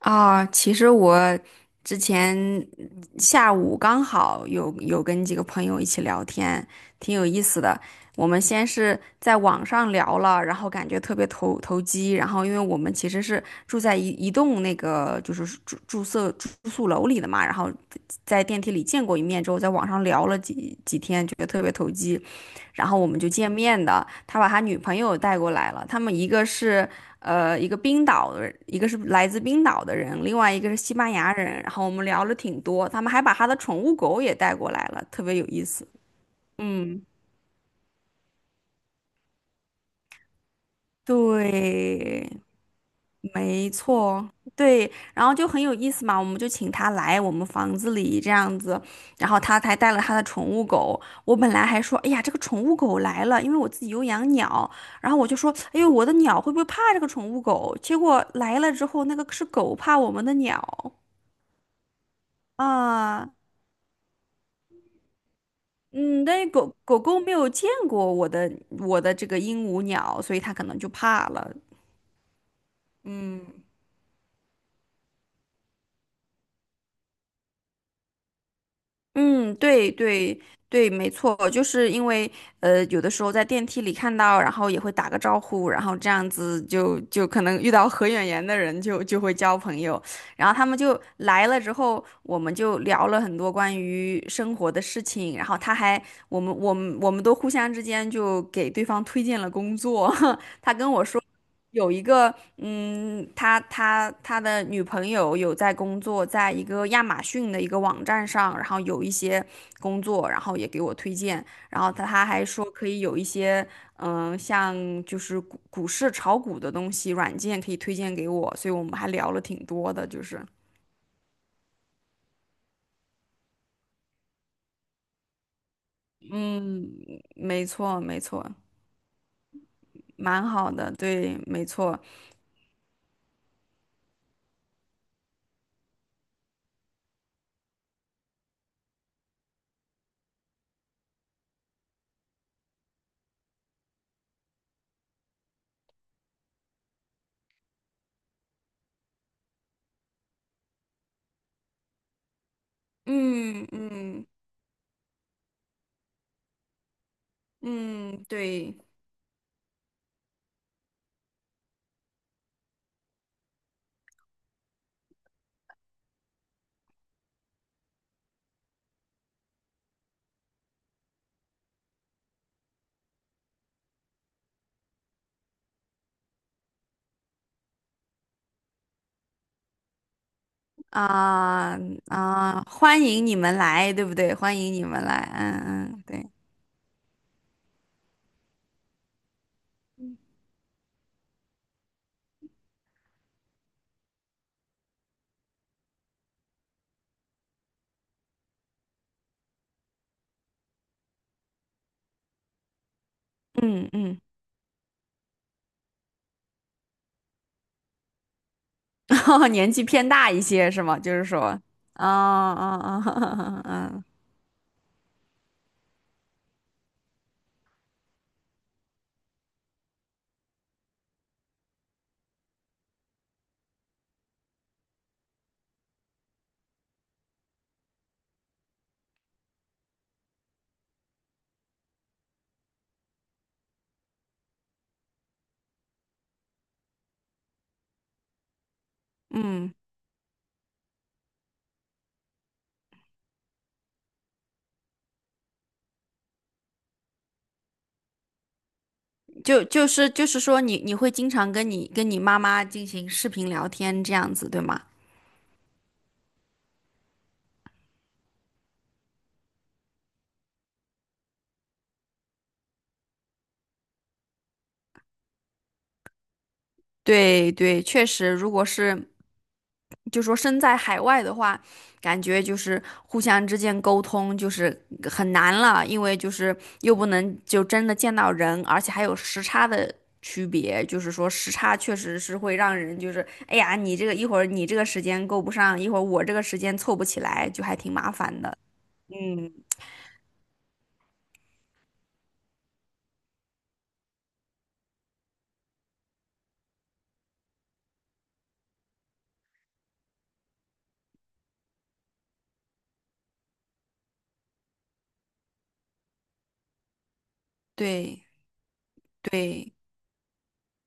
啊，其实我之前下午刚好有跟几个朋友一起聊天，挺有意思的。我们先是在网上聊了，然后感觉特别投机，然后因为我们其实是住在一栋那个就是住宿楼里的嘛，然后在电梯里见过一面之后，在网上聊了几天，觉得特别投机。然后我们就见面的。他把他女朋友带过来了，他们一个是呃一个冰岛的人一个是来自冰岛的人，另外一个是西班牙人。然后我们聊了挺多，他们还把他的宠物狗也带过来了，特别有意思。嗯，对。没错，对，然后就很有意思嘛，我们就请他来我们房子里这样子，然后他还带了他的宠物狗。我本来还说，哎呀，这个宠物狗来了，因为我自己有养鸟，然后我就说，哎呦，我的鸟会不会怕这个宠物狗？结果来了之后，那个是狗怕我们的鸟啊。嗯，但是狗狗没有见过我的这个鹦鹉鸟，所以它可能就怕了，嗯。嗯，对对对，没错，就是因为有的时候在电梯里看到，然后也会打个招呼，然后这样子就可能遇到合眼缘的人就会交朋友，然后他们就来了之后，我们就聊了很多关于生活的事情，然后我们都互相之间就给对方推荐了工作，他跟我说。有一个，嗯，他的女朋友有在工作，在一个亚马逊的一个网站上，然后有一些工作，然后也给我推荐，然后他还说可以有一些，嗯，像就是股市炒股的东西软件可以推荐给我，所以我们还聊了挺多的，就是，嗯，没错没错，蛮好的，对，没错，嗯嗯嗯，对。啊啊，欢迎你们来，对不对？欢迎你们来，嗯嗯，对，嗯嗯，哦，年纪偏大一些是吗？就是说，啊啊啊啊，啊就就是说你，你会经常跟你妈妈进行视频聊天这样子，对吗？对对，确实，如果是就说身在海外的话，感觉就是互相之间沟通就是很难了，因为就是又不能就真的见到人，而且还有时差的区别，就是说时差确实是会让人就是哎呀，你这个一会儿你这个时间够不上，一会儿我这个时间凑不起来，就还挺麻烦的。嗯，对对。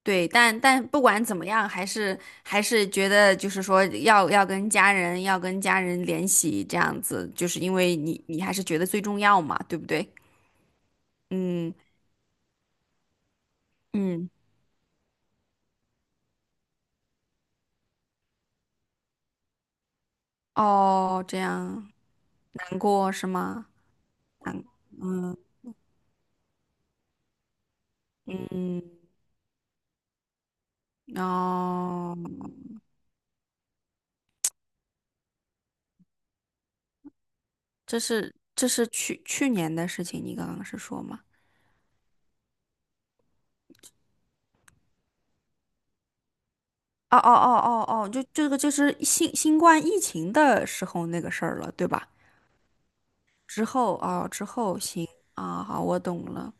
对，但但不管怎么样，还是还是觉得就是说要跟家人联系这样子，就是因为你你还是觉得最重要嘛，对不对？嗯嗯，哦，这样难过是吗？嗯嗯，哦，这是这是去年的事情，你刚刚是说吗？哦哦哦哦哦，就这个就是新冠疫情的时候那个事儿了，对吧？之后哦，之后行啊，好，我懂了，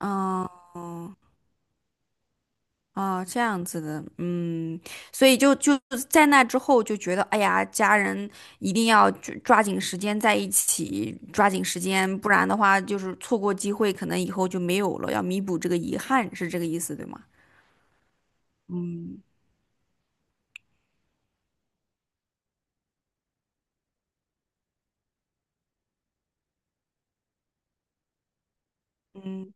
嗯哦，这样子的，嗯，所以就就在那之后就觉得，哎呀，家人一定要抓紧时间在一起，抓紧时间，不然的话就是错过机会，可能以后就没有了，要弥补这个遗憾，是这个意思，对吗？嗯嗯，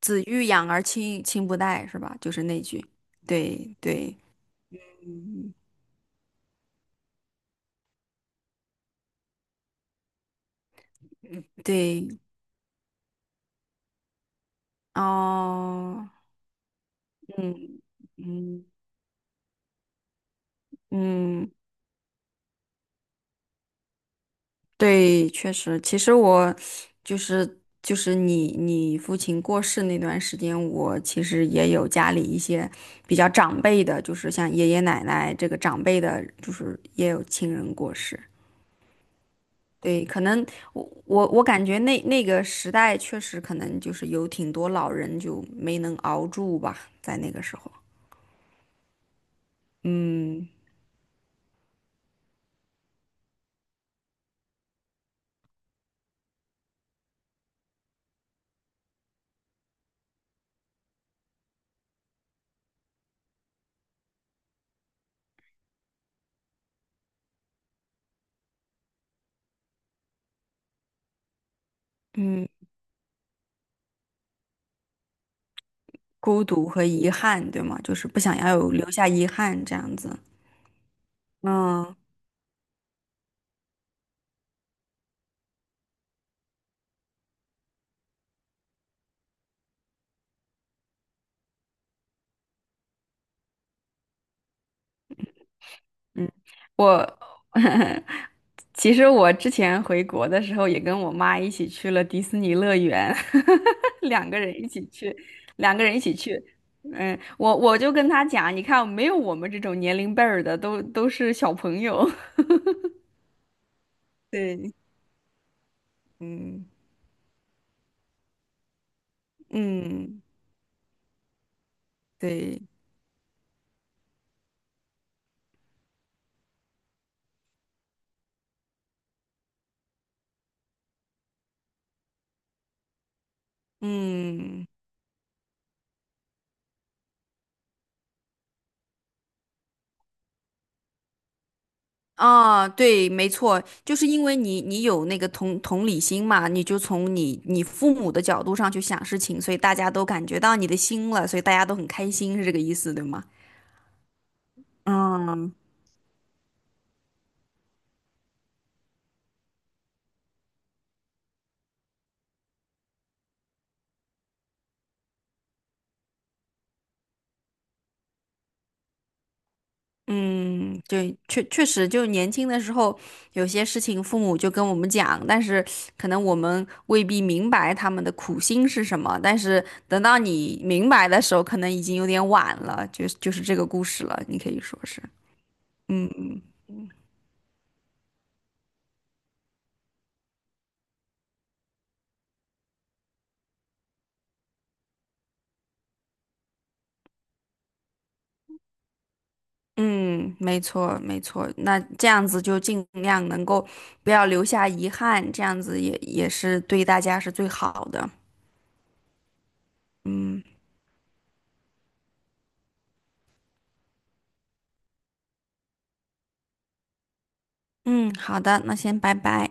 子欲养而亲不待是吧？就是那句，对对，嗯对，哦，嗯嗯。嗯，对，确实，其实我就是就是你你父亲过世那段时间，我其实也有家里一些比较长辈的，就是像爷爷奶奶这个长辈的，就是也有亲人过世。对，可能我感觉那个时代确实可能就是有挺多老人就没能熬住吧，在那个时候，嗯嗯，孤独和遗憾，对吗？就是不想要有留下遗憾这样子，嗯。嗯，我 其实我之前回国的时候也跟我妈一起去了迪士尼乐园，两个人一起去，两个人一起去。嗯，我我就跟她讲，你看没有我们这种年龄辈儿的，都是小朋友。对，嗯，嗯，对，嗯。啊，对，没错，就是因为你你有那个同理心嘛，你就从你父母的角度上去想事情，所以大家都感觉到你的心了，所以大家都很开心，是这个意思，对吗？嗯，嗯，对，确确实，就年轻的时候，有些事情父母就跟我们讲，但是可能我们未必明白他们的苦心是什么，但是等到你明白的时候，可能已经有点晚了，就是这个故事了，你可以说是，嗯。嗯嗯，没错，没错。那这样子就尽量能够不要留下遗憾，这样子也也是对大家是最好的。嗯嗯，好的，那先拜拜。